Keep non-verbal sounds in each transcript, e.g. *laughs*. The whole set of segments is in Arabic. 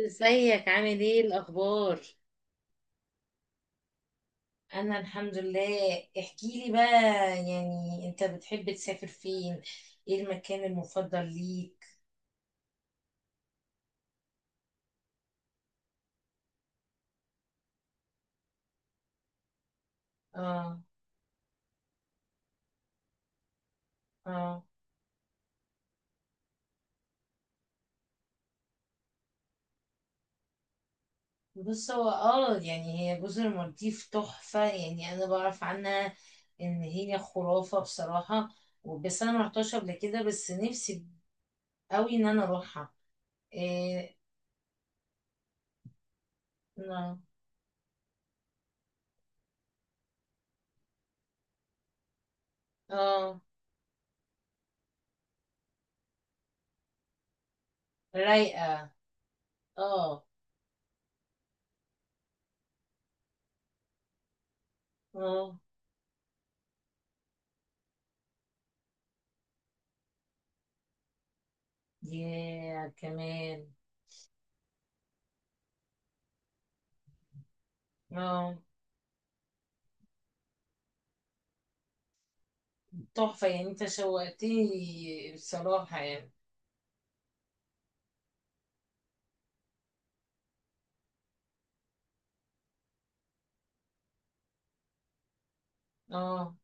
ازيك؟ عامل ايه؟ الاخبار؟ انا الحمد لله. احكي لي بقى، يعني انت بتحب تسافر فين؟ ايه المكان المفضل ليك؟ اه، اه، بص هو هي جزر المالديف تحفة، يعني انا بعرف عنها ان هي خرافة بصراحة. بس انا مرحتهاش قبل كده، بس نفسي قوي ان انا اروحها. إيه؟ اه، اه، رايقة، اه، اه، يا كمان، اه، تحفة، يعني انت شوقتني بصراحة. يعني اه،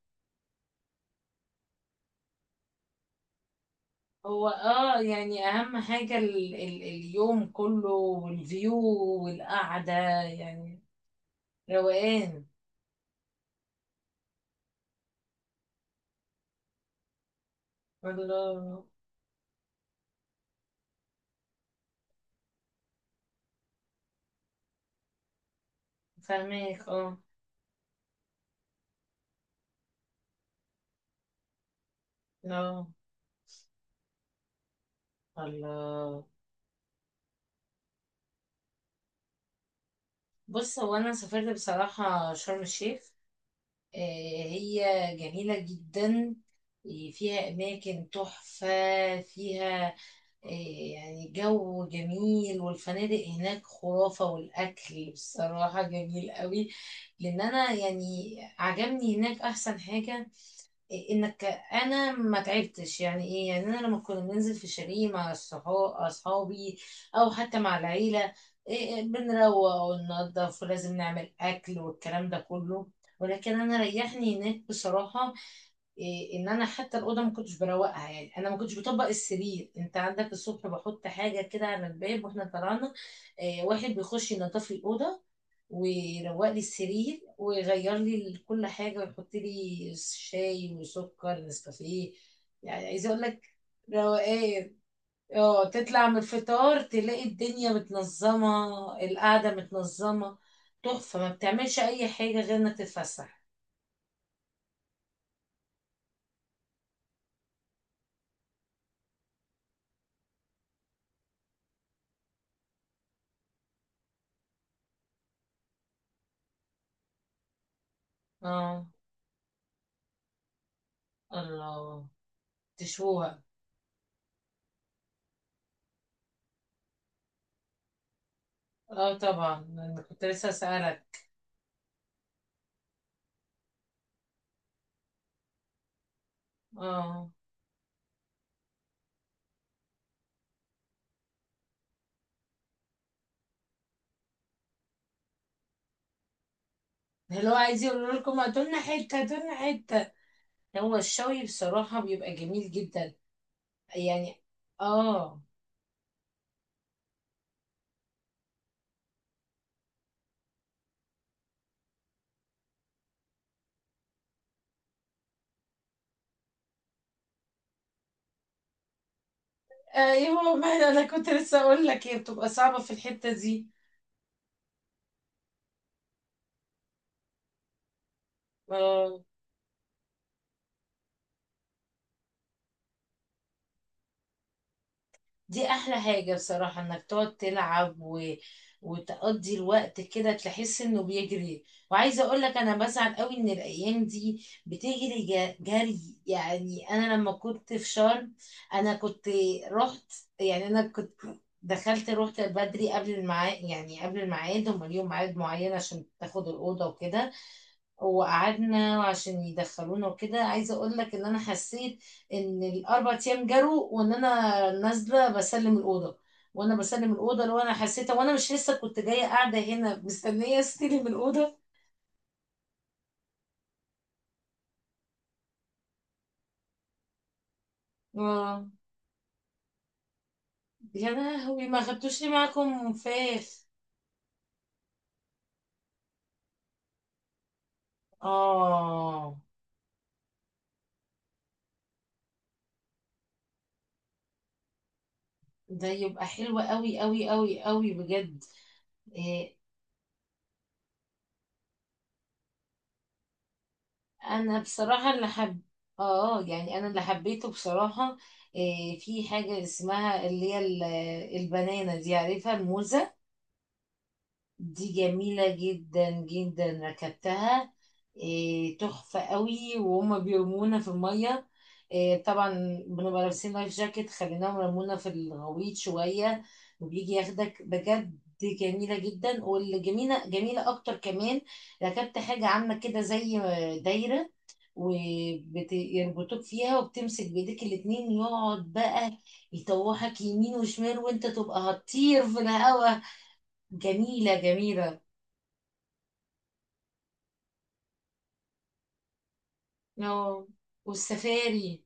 هو اهم حاجة ال اليوم كله والفيو والقعدة، يعني روقان. الله. فاهمك، اه، اه، الله. بص هو انا سافرت بصراحة شرم الشيخ. آه، هي جميلة جدا، فيها اماكن تحفة، فيها إيه، يعني جو جميل، والفنادق هناك خرافة، والأكل بصراحة جميل قوي. لأن أنا يعني عجبني هناك أحسن حاجة إيه؟ إنك أنا ما تعبتش، يعني إيه يعني، أنا لما كنا بننزل في شاليه مع أصحابي أو حتى مع العيلة، إيه، بنروق وننضف ولازم نعمل أكل والكلام ده كله. ولكن أنا ريحني هناك بصراحة. إيه ان انا حتى الاوضه ما كنتش بروقها، يعني انا ما كنتش بطبق السرير، انت عندك الصبح بحط حاجه كده على الباب واحنا طلعنا، إيه، واحد بيخش ينظف لي الاوضه ويروق لي السرير ويغير لي كل حاجه ويحط لي شاي وسكر نسكافيه. يعني عايزه اقول لك، روقان، اه، تطلع من الفطار تلاقي الدنيا متنظمه، القعده متنظمه، تحفه، ما بتعملش اي حاجه غير انك تتفسح. اه. الله. تشوها. اه، طبعا انا كنت لسه اسالك. اه. اللي هو عايز يقول لكم هاتولنا حته، هاتولنا حته. هو الشوي بصراحه بيبقى جميل جدا. يعني اه، ايوه، ما انا كنت لسه اقول لك هي بتبقى صعبه في الحته دي. آه، دي احلى حاجة بصراحة، انك تقعد تلعب و... وتقضي الوقت كده تحس انه بيجري. وعايزة اقول لك انا بسعد قوي ان الايام دي بتجري جري. يعني انا لما كنت في شرم انا كنت رحت، يعني انا كنت دخلت، رحت بدري قبل الميعاد، يعني قبل الميعاد، هم ليهم ميعاد معين عشان تاخد الأوضة وكده، وقعدنا وعشان يدخلونا وكده. عايزه اقول لك ان انا حسيت ان الاربع ايام جروا، وان انا نازله بسلم الاوضه، وانا بسلم الاوضه لو انا حسيت وانا مش لسه كنت جايه قاعده هنا مستنيه استلم الاوضه. اه. يا لهوي، ما خدتوش لي معاكم فاخ. اه، ده يبقى حلو قوي قوي قوي قوي بجد. آه، انا بصراحه اللي حب، اه، يعني انا اللي حبيته بصراحه إيه في حاجه اسمها البنانه دي، عارفها؟ الموزه دي جميله جدا جدا، ركبتها، إيه، تحفه قوي، وهما بيرمونا في الميه، إيه طبعا، بنبقى لابسين لايف جاكيت، خليناهم يرمونا في الغويط شويه، وبيجي ياخدك، بجد جميله جدا. واللي جميله جميله اكتر كمان، ركبت حاجه عامله كده زي دايره، يعني بتوك فيها وبتمسك بايديك الاتنين، يقعد بقى يطوحك يمين وشمال وانت تبقى هتطير في الهوا. جميلة جميلة. اه، والسفاري.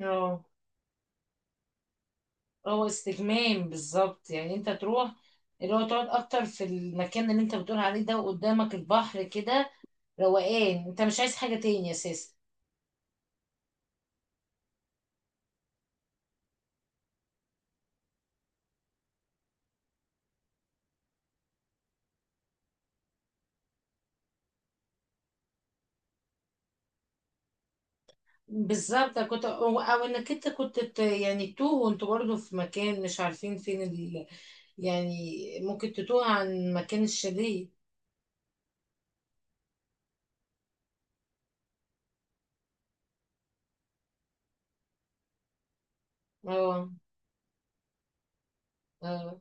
اه، هو استجمام بالظبط، يعني انت تروح، اللي هو تقعد اكتر في المكان اللي انت بتقول عليه ده وقدامك البحر كده، روقان، انت مش عايز حاجة تاني اساسا. بالظبط، كنت أو انك انت كنت يعني تتوه وانتوا برضه في مكان مش عارفين فين، يعني ممكن تتوه عن مكان الشاليه. اه، اه.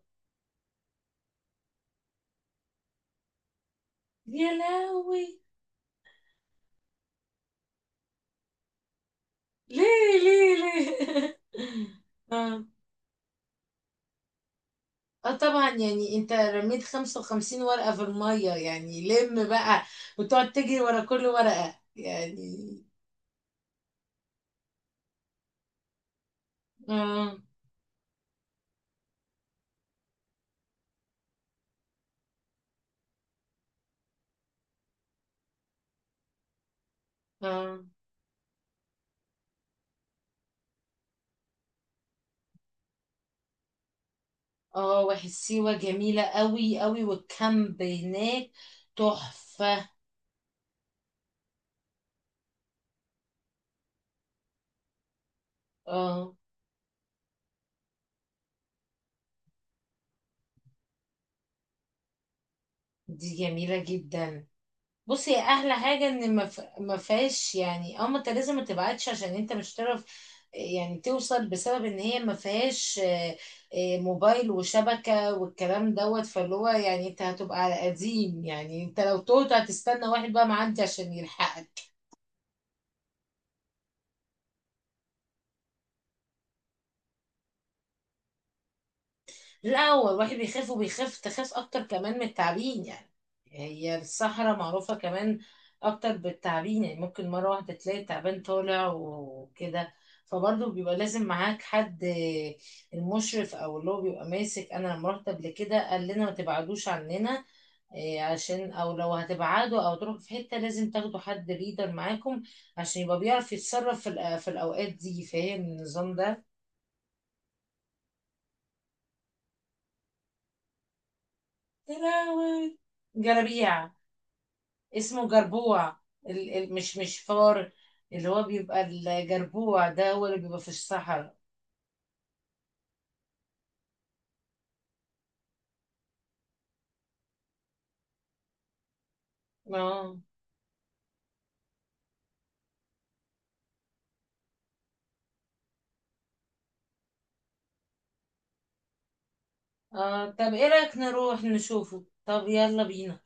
يا لهوي، ليه؟ ليه؟ ليه؟ *laughs* اه، اه، طبعا، يعني انت رميت 55 ورقة في المية، يعني لم بقى وتقعد تجري ورا كل ورقة يعني. اه، اه، اه، واحد سيوة جميلة قوي قوي، والكامب هناك تحفة. اه، دي جميلة جدا. بصي احلى حاجه ان ما فيهاش، يعني اه ما انت لازم ما تبعتش عشان انت مش هتعرف يعني توصل، بسبب ان هي ما فيهاش آه، آه، موبايل وشبكه والكلام دوت. فاللي هو يعني انت هتبقى على قديم، يعني انت لو توت هتستنى واحد بقى معدي عشان يلحقك. لا، هو الواحد بيخاف، وبيخاف تخاف اكتر كمان من التعابين، يعني هي الصحراء معروفة كمان اكتر بالتعابين، يعني ممكن مرة واحدة تلاقي تعبان طالع وكده، فبرضه بيبقى لازم معاك حد، المشرف او اللي هو بيبقى ماسك. انا لما رحت قبل كده قال لنا ما تبعدوش عننا، إيه، عشان او لو هتبعدوا او تروحوا في حتة لازم تاخدوا حد ليدر معاكم عشان يبقى بيعرف يتصرف في في الاوقات دي، فاهم النظام ده. يا لهوي، جلابيع. اسمه جربوع، مش فار، اللي هو بيبقى الجربوع ده هو اللي بيبقى في الصحراء. اه، اه. طب ايه رأيك نروح نشوفه؟ طب يلا بينا.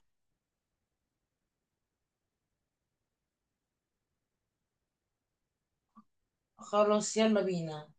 خلاص، يلا بينا.